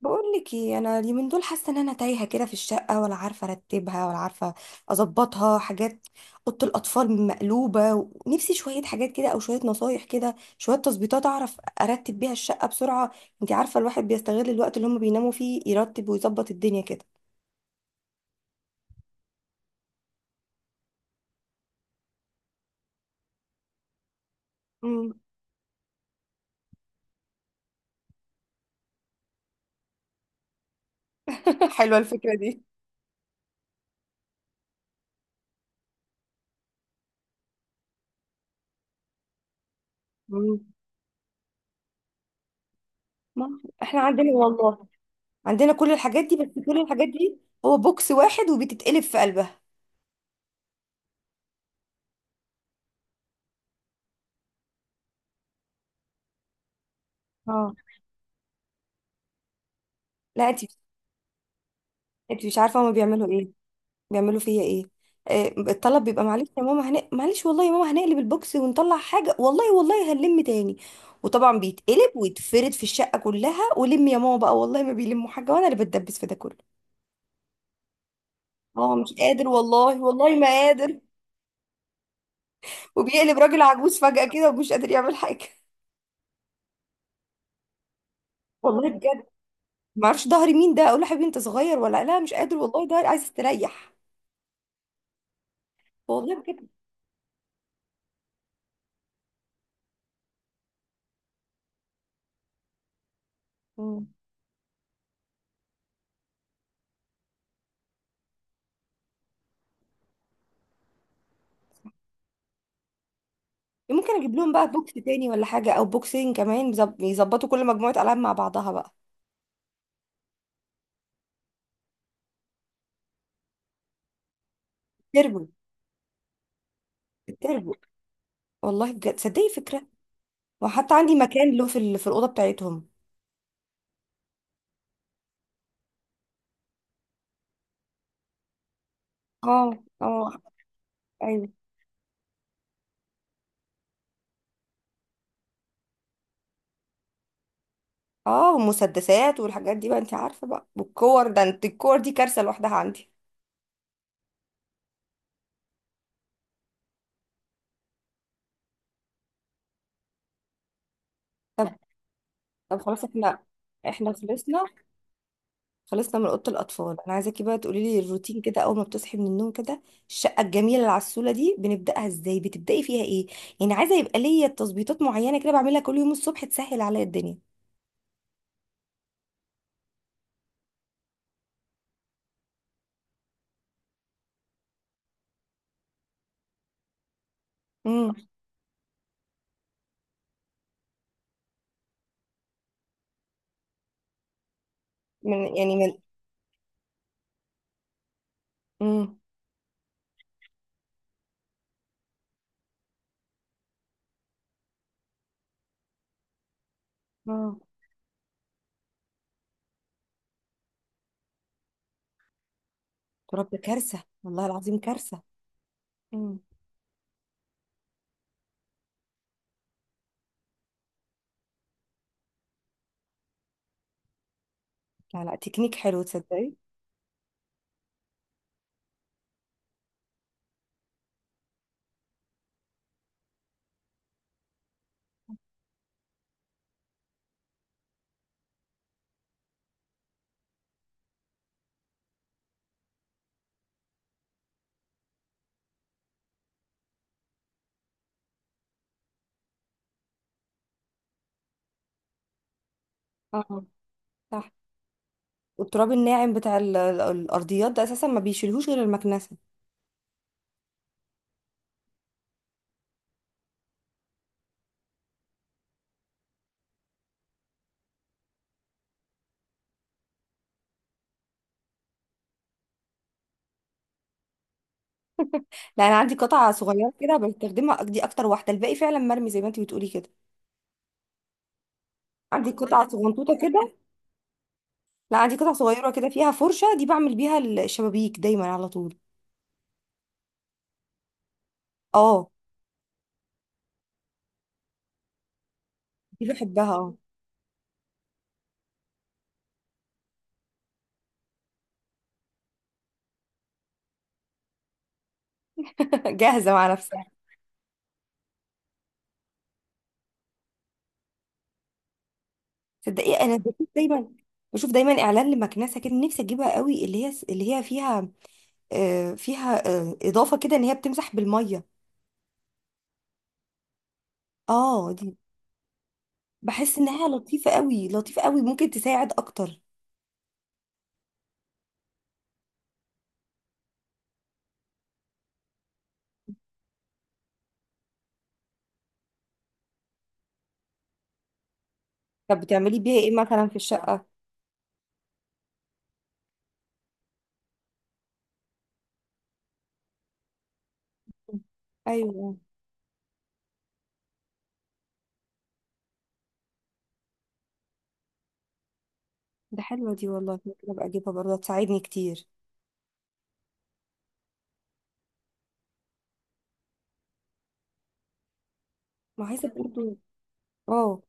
بقول لك ايه، انا اليومين دول حاسه ان انا تايهه كده في الشقه، ولا عارفه ارتبها ولا عارفه اظبطها حاجات. اوضه الاطفال مقلوبه. ونفسي شويه حاجات كده او شويه نصايح كده، شويه تظبيطات اعرف ارتب بيها الشقه بسرعه. انت عارفه الواحد بيستغل الوقت اللي هم بيناموا فيه يرتب ويظبط الدنيا كده. مم. حلوة الفكرة دي. مم. ما احنا عندنا والله، عندنا كل الحاجات دي، بس كل الحاجات دي هو بوكس واحد وبتتقلب في قلبها. اه. لا، انت مش عارفه هما بيعملوا ايه، بيعملوا فيا ايه؟ الطلب بيبقى: معلش يا ماما، معلش والله يا ماما، هنقلب البوكس ونطلع حاجة، والله والله هنلم تاني. وطبعا بيتقلب ويتفرد في الشقة كلها، ولم يا ماما بقى، والله ما بيلموا حاجة وانا اللي بتدبس في ده كله. اه مش قادر، والله والله ما قادر، وبيقلب راجل عجوز فجأة كده ومش قادر يعمل حاجة. والله بجد، ما اعرفش ظهري مين ده، اقول له حبيبي انت صغير ولا لا، مش قادر والله ظهري عايز استريح. والله بجد. مم. ممكن اجيب لهم بقى بوكس تاني ولا حاجة، او بوكسين كمان يظبطوا كل مجموعة العاب مع بعضها بقى. تربو. التربو. والله بجد صدقي فكرة. وحتى عندي مكان له في الأوضة بتاعتهم. اه اه. ايوه. اه، والمسدسات والحاجات دي بقى انت عارفة بقى، والكور ده، انت الكور دي كارثة لوحدها عندي. طب طب، خلاص، احنا خلصنا خلصنا من أوضة الأطفال، انا عايزاكي بقى تقولي لي الروتين كده، أول ما بتصحي من النوم كده. الشقة الجميلة اللي على السولة دي بنبدأها ازاي؟ بتبدأي فيها ايه؟ يعني عايزة يبقى ليا تظبيطات معينة كده بعملها كل يوم الصبح تسهل عليا الدنيا. امم يعني من امم رب كارثة، والله العظيم كارثة. مم. لا لا، تكنيك حلو تصدقي. اه. صح، والتراب الناعم بتاع الارضيات ده اساسا ما بيشيلهوش غير المكنسه. لا، انا عندي قطعه صغيره كده بستخدمها، دي اكتر واحده، الباقي فعلا مرمي زي ما انت بتقولي كده. عندي قطعه صغنطوطه كده. لا عندي قطعه صغيره كده فيها فرشه، دي بعمل بيها الشبابيك دايما على طول. اه. دي بحبها، اه. جاهزه مع نفسها. تصدقي انا بشوف دايما اعلان لمكنسه كده، نفسي اجيبها قوي، اللي هي فيها فيها اضافه كده ان هي بتمسح بالميه. اه دي، بحس انها لطيفه قوي لطيفه قوي، ممكن تساعد اكتر. طب بتعملي بيها ايه مثلا في الشقه؟ ايوه. ده حلوه دي والله، ممكن ابقى اجيبها برضه هتساعدني كتير. ما عايزه برضه. اه.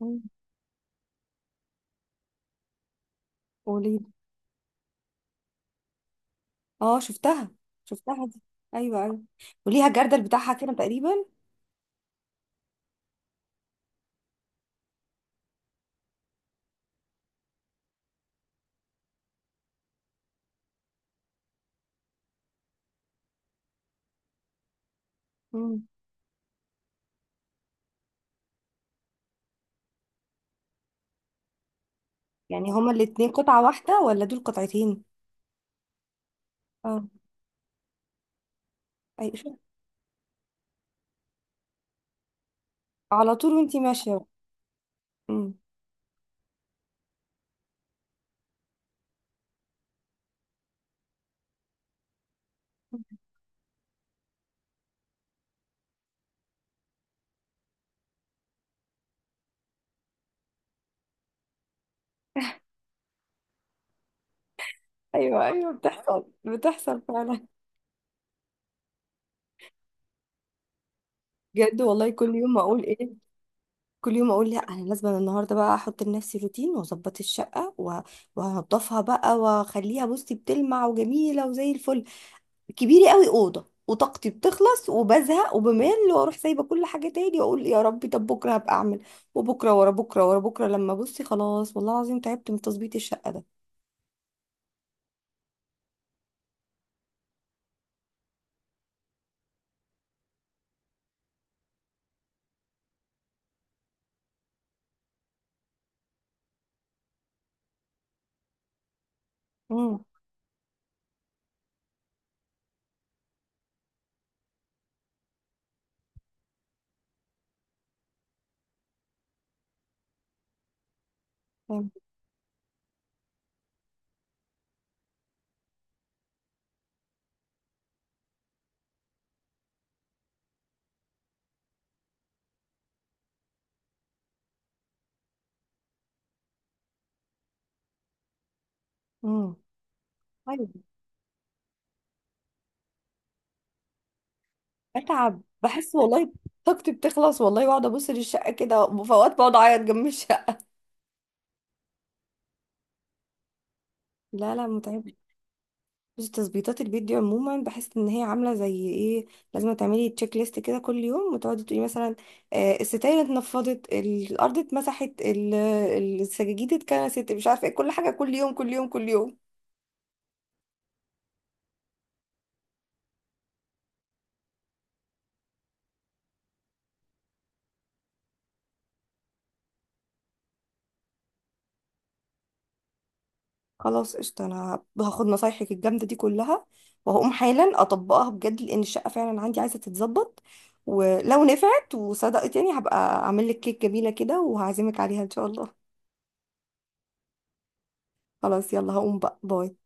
مم، وليه؟ اه شفتها، شفتها دي. ايوه ايوه. وليها الجردل بتاعها كده تقريبا. مم. يعني هما الاتنين قطعه واحده ولا دول قطعتين؟ اه. اي شوف، على طول وانتي ماشيه. مم. ايوه ايوه، بتحصل بتحصل فعلا. بجد والله، كل يوم اقول ايه؟ كل يوم اقول: لا انا لازم، النهارده بقى احط لنفسي روتين واظبط الشقه، وهنضفها بقى واخليها بصي بتلمع وجميله وزي الفل. كبيره قوي اوضه، وطاقتي بتخلص وبزهق وبمل واروح سايبه كل حاجه تاني، واقول يا ربي طب بكره هبقى اعمل. وبكره ورا بكره ورا بكره، لما بصي خلاص والله العظيم تعبت من تظبيط الشقه ده. امم امم بتعب بحس والله، طاقتي بتخلص والله، واقعد ابص للشقه كده، وفي اوقات بقعد اعيط جنب الشقه. لا لا، متعب، بس تظبيطات البيت دي عموما بحس ان هي عامله زي ايه: لازم تعملي تشيك ليست كده كل يوم، وتقعدي تقولي مثلا الستاير اتنفضت، الارض اتمسحت، السجاجيد اتكنست، مش عارفه ايه، كل حاجه كل يوم كل يوم كل يوم. خلاص قشطة، انا هاخد نصايحك الجامدة دي كلها، وهقوم حالا اطبقها بجد، لان الشقة فعلا عندي عايزة تتظبط. ولو نفعت وصدقت يعني، هبقى اعمل لك كيك جميلة كده وهعزمك عليها ان شاء الله. خلاص يلا، هقوم بقى، باي.